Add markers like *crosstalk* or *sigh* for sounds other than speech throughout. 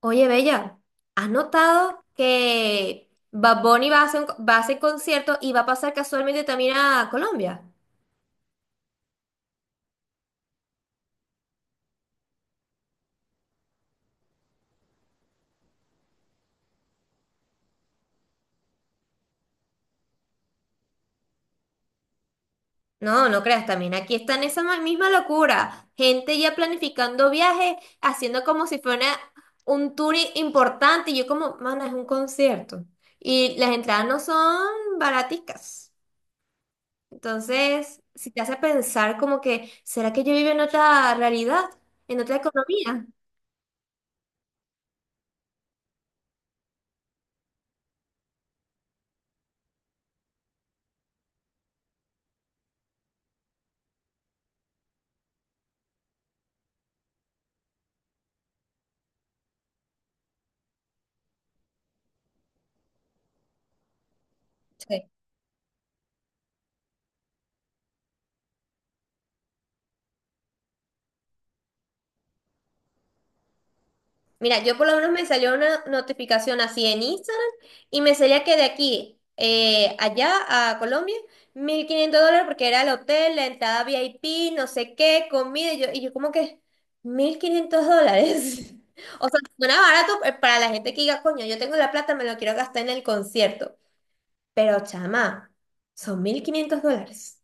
Oye, Bella, ¿has notado que Bad Bunny va a hacer concierto y va a pasar casualmente también a Colombia? No, no creas, también aquí está en esa misma locura. Gente ya planificando viajes, haciendo como si fuera un tour importante. Y yo como, mana, es un concierto. Y las entradas no son baraticas. Entonces, si te hace pensar como que, ¿será que yo vivo en otra realidad? ¿En otra economía? Mira, yo por lo menos me salió una notificación así en Instagram y me salía que de aquí allá a Colombia, $1.500 porque era el hotel, la entrada VIP, no sé qué, comida, y yo como que $1.500. *laughs* O sea, suena barato para la gente que diga, coño, yo tengo la plata, me lo quiero gastar en el concierto. Pero chama, son $1.500.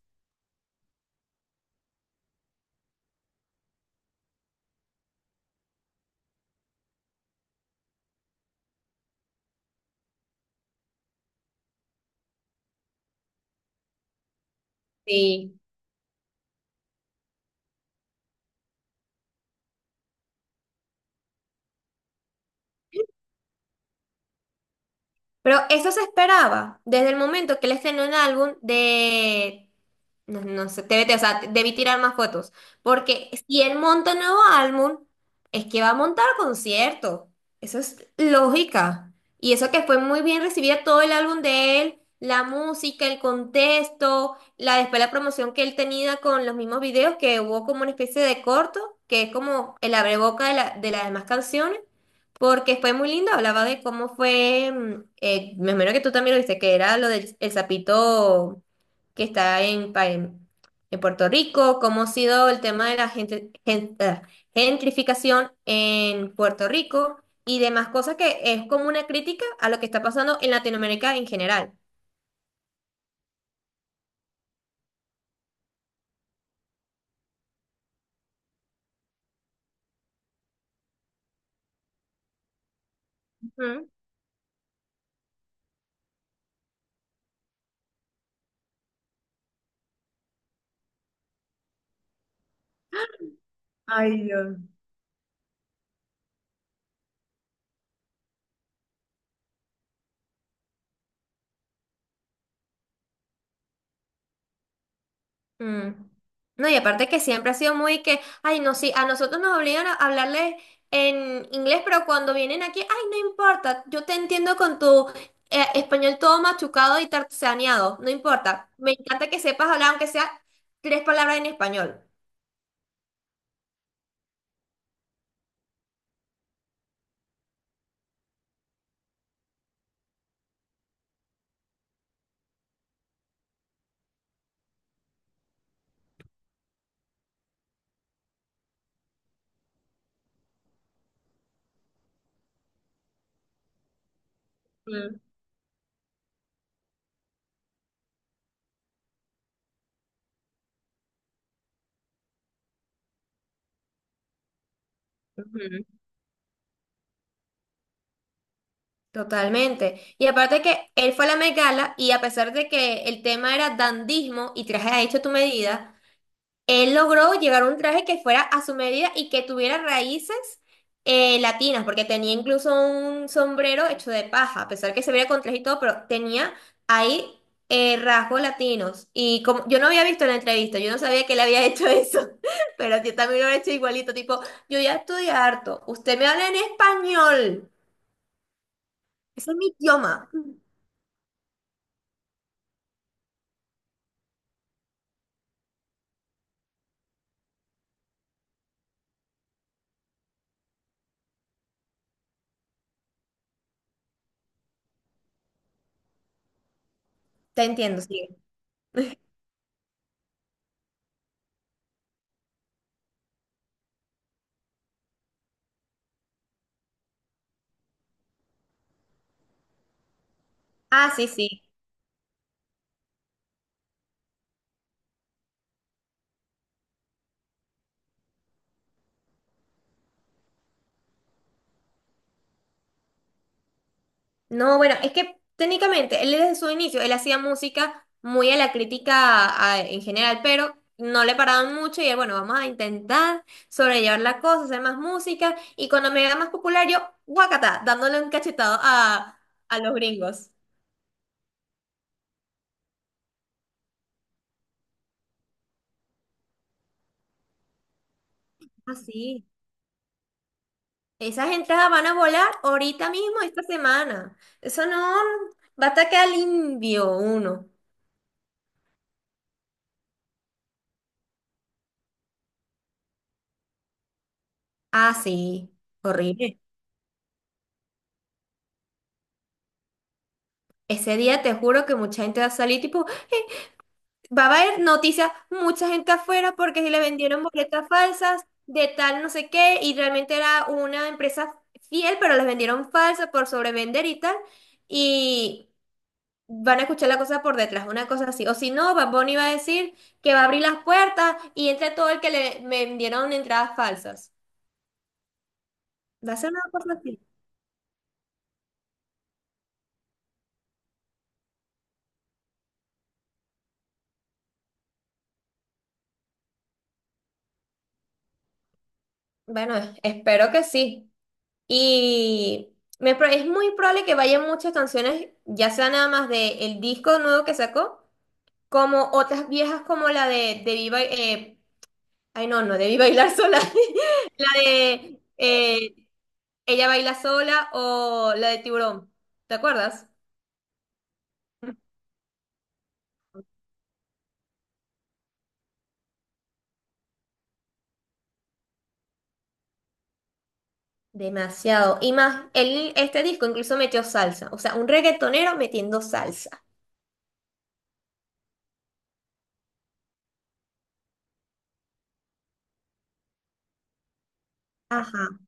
Sí. Pero eso se esperaba desde el momento que él estrenó el álbum de... No, no sé, TVT, o sea, debí tirar más fotos. Porque si él monta un nuevo álbum, es que va a montar concierto. Eso es lógica. Y eso que fue muy bien recibida todo el álbum de él, la música, el contexto, la después la promoción que él tenía con los mismos videos, que hubo como una especie de corto, que es como el abreboca de de las demás canciones. Porque fue muy lindo, hablaba de cómo fue, me imagino que tú también lo viste, que era lo del el sapito que está en Puerto Rico, cómo ha sido el tema de la gente, gentrificación en Puerto Rico y demás cosas que es como una crítica a lo que está pasando en Latinoamérica en general. Mm. No, y aparte que siempre ha sido muy que, ay, no, sí, a nosotros nos obligan a hablarles en inglés, pero cuando vienen aquí, ay, no importa, yo te entiendo con tu español todo machucado y tartaneado, no importa. Me encanta que sepas hablar, aunque sea tres palabras en español. Mm. Ujú. Totalmente. Y aparte que él fue a la Met Gala y a pesar de que el tema era dandismo y traje a hecho tu medida, él logró llegar a un traje que fuera a su medida y que tuviera raíces latinas, porque tenía incluso un sombrero hecho de paja, a pesar que se veía con traje y todo, pero tenía ahí rasgos latinos. Y como yo no había visto la entrevista, yo no sabía que él había hecho eso, *laughs* pero yo también lo he hecho igualito, tipo, yo ya estudié harto, usted me habla en español, ese es mi idioma. Te entiendo, sí. Ah, sí, sí. No, bueno, es que técnicamente él desde su inicio, él hacía música muy a la crítica en general, pero no le paraban mucho y él, bueno, vamos a intentar sobrellevar la cosa, hacer más música y cuando me haga más popular yo, guacata, dándole un cachetado a los gringos. Ah, sí. Esas entradas van a volar ahorita mismo, esta semana. Eso no, va a atacar al indio uno. Ah, sí, horrible. Ese día te juro que mucha gente va a salir tipo, va a haber noticias, mucha gente afuera porque si le vendieron boletas falsas de tal no sé qué y realmente era una empresa fiel, pero las vendieron falsas por sobrevender y tal. Y van a escuchar la cosa por detrás, una cosa así. O si no, Bad Bunny va a decir que va a abrir las puertas y entra todo el que le me vendieron entradas falsas. ¿Va a ser una cosa así? Bueno, espero que sí. Y es muy probable que vayan muchas canciones, ya sea nada más del disco nuevo que sacó como otras viejas como la de Debí Bailar, ay no, no, Debí Bailar Sola, *laughs* la de Ella Baila Sola o la de Tiburón, ¿te acuerdas? Demasiado. Y más, él, este disco incluso metió salsa, o sea, un reggaetonero metiendo salsa. Ajá,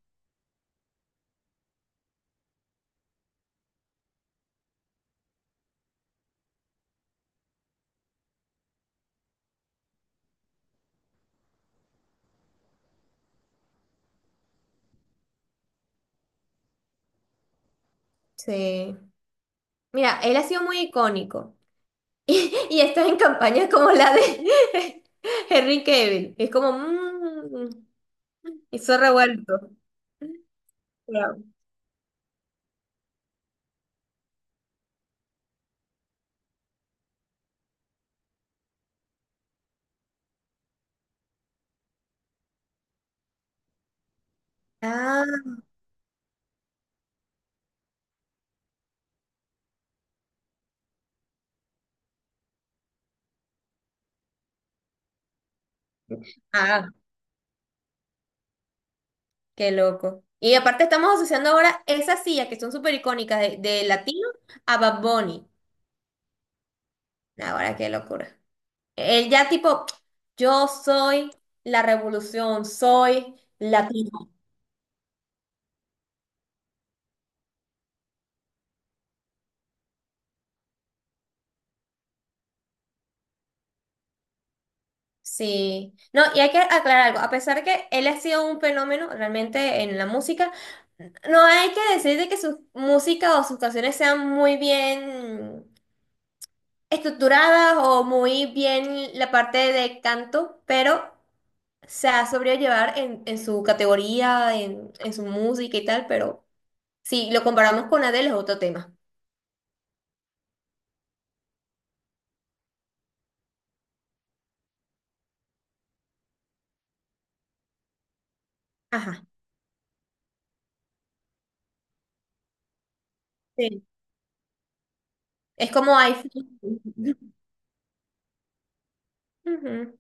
sí. Mira, él ha sido muy icónico. *laughs* Y, y está en campañas como la de *laughs* Henry Cavill. Es como, hizo revuelto. Claro. Ah, ah, qué loco. Y aparte estamos asociando ahora esas sillas que son súper icónicas de latino a Bad Bunny. Ahora qué locura. Él ya tipo, yo soy la revolución, soy latino. Sí. No, y hay que aclarar algo. A pesar de que él ha sido un fenómeno realmente en la música, no hay que decir de que su música o sus canciones sean muy bien estructuradas o muy bien la parte de canto, pero... sea, sobrellevar en su categoría, en su música y tal, pero si lo comparamos con Adele es otro tema. Ajá. Sí. Es como iPhone. *laughs* Ujú.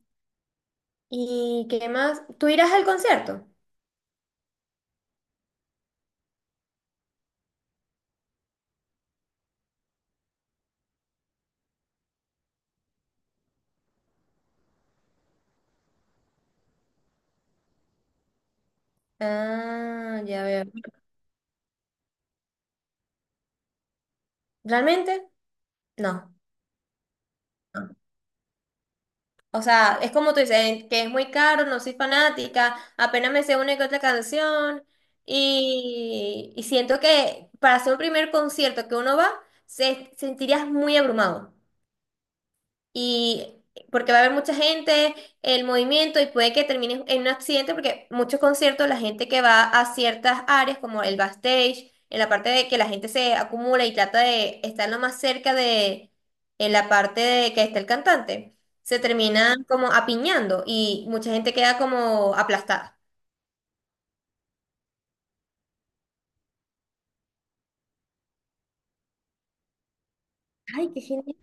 ¿Y qué más? ¿Tú irás al concierto? Ah, ya veo. ¿Realmente? No. No. O sea, es como tú dices, que es muy caro, no soy fanática, apenas me sé una que otra canción y siento que para hacer un primer concierto que uno va, se, sentirías muy abrumado. Y porque va a haber mucha gente, el movimiento y puede que termine en un accidente porque muchos conciertos la gente que va a ciertas áreas como el backstage, en la parte de que la gente se acumula y trata de estar lo más cerca de en la parte de que está el cantante, se termina como apiñando y mucha gente queda como aplastada. Ay, qué genial.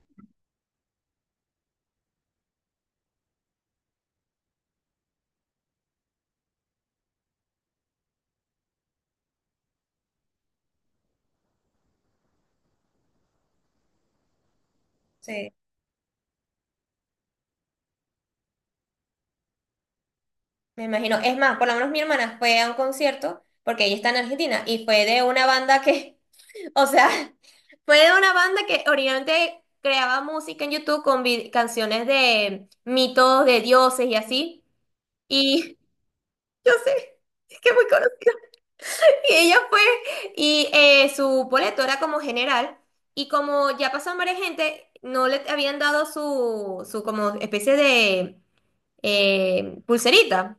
Sí, me imagino. Es más, por lo menos mi hermana fue a un concierto porque ella está en Argentina y fue de una banda que, o sea, *laughs* fue de una banda que originalmente creaba música en YouTube con canciones de mitos, de dioses y así. Y *laughs* yo sé, es que muy conocida. Y ella fue, y su boleto era como general. Y como ya pasaron varias gente, no le habían dado su como especie de pulserita.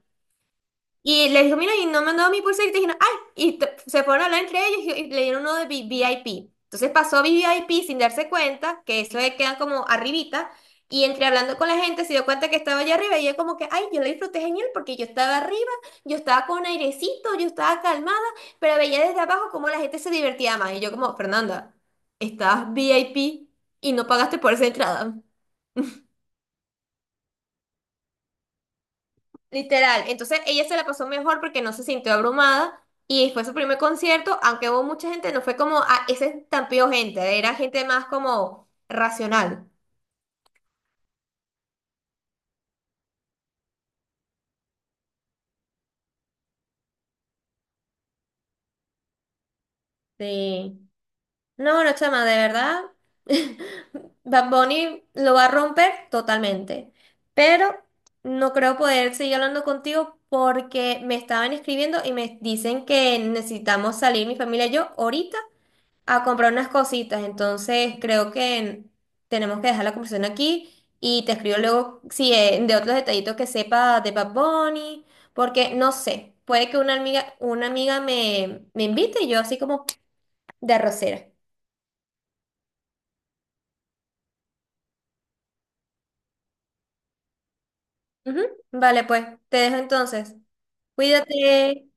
Y les dijo, mira, y no me han dado mi pulsera. Y te dijeron, ay, y se fueron a hablar entre ellos y le dieron uno de VIP. Entonces pasó VIP sin darse cuenta, que eso es- queda como arribita. Y entre hablando con la gente se dio cuenta que estaba allá arriba y yo como que, ay, yo la disfruté genial porque yo estaba arriba, yo estaba con airecito, yo estaba calmada, pero veía desde abajo cómo la gente se divertía más. Y yo como, Fernanda, estabas VIP y no pagaste por esa entrada. Literal. Entonces ella se la pasó mejor porque no se sintió abrumada y fue su primer concierto, aunque hubo mucha gente, no fue como, ah, ese estampido gente, era gente más como racional. Sí. No, no, chama, de verdad, *laughs* Bad Bunny lo va a romper totalmente, pero no creo poder seguir hablando contigo porque me estaban escribiendo y me dicen que necesitamos salir mi familia y yo ahorita a comprar unas cositas, entonces creo que tenemos que dejar la conversación aquí y te escribo luego si de otros detallitos que sepa de Bad Bunny, porque no sé, puede que una amiga me, me invite y yo así como de arrocera. Ujú, vale, pues, te dejo entonces. Cuídate.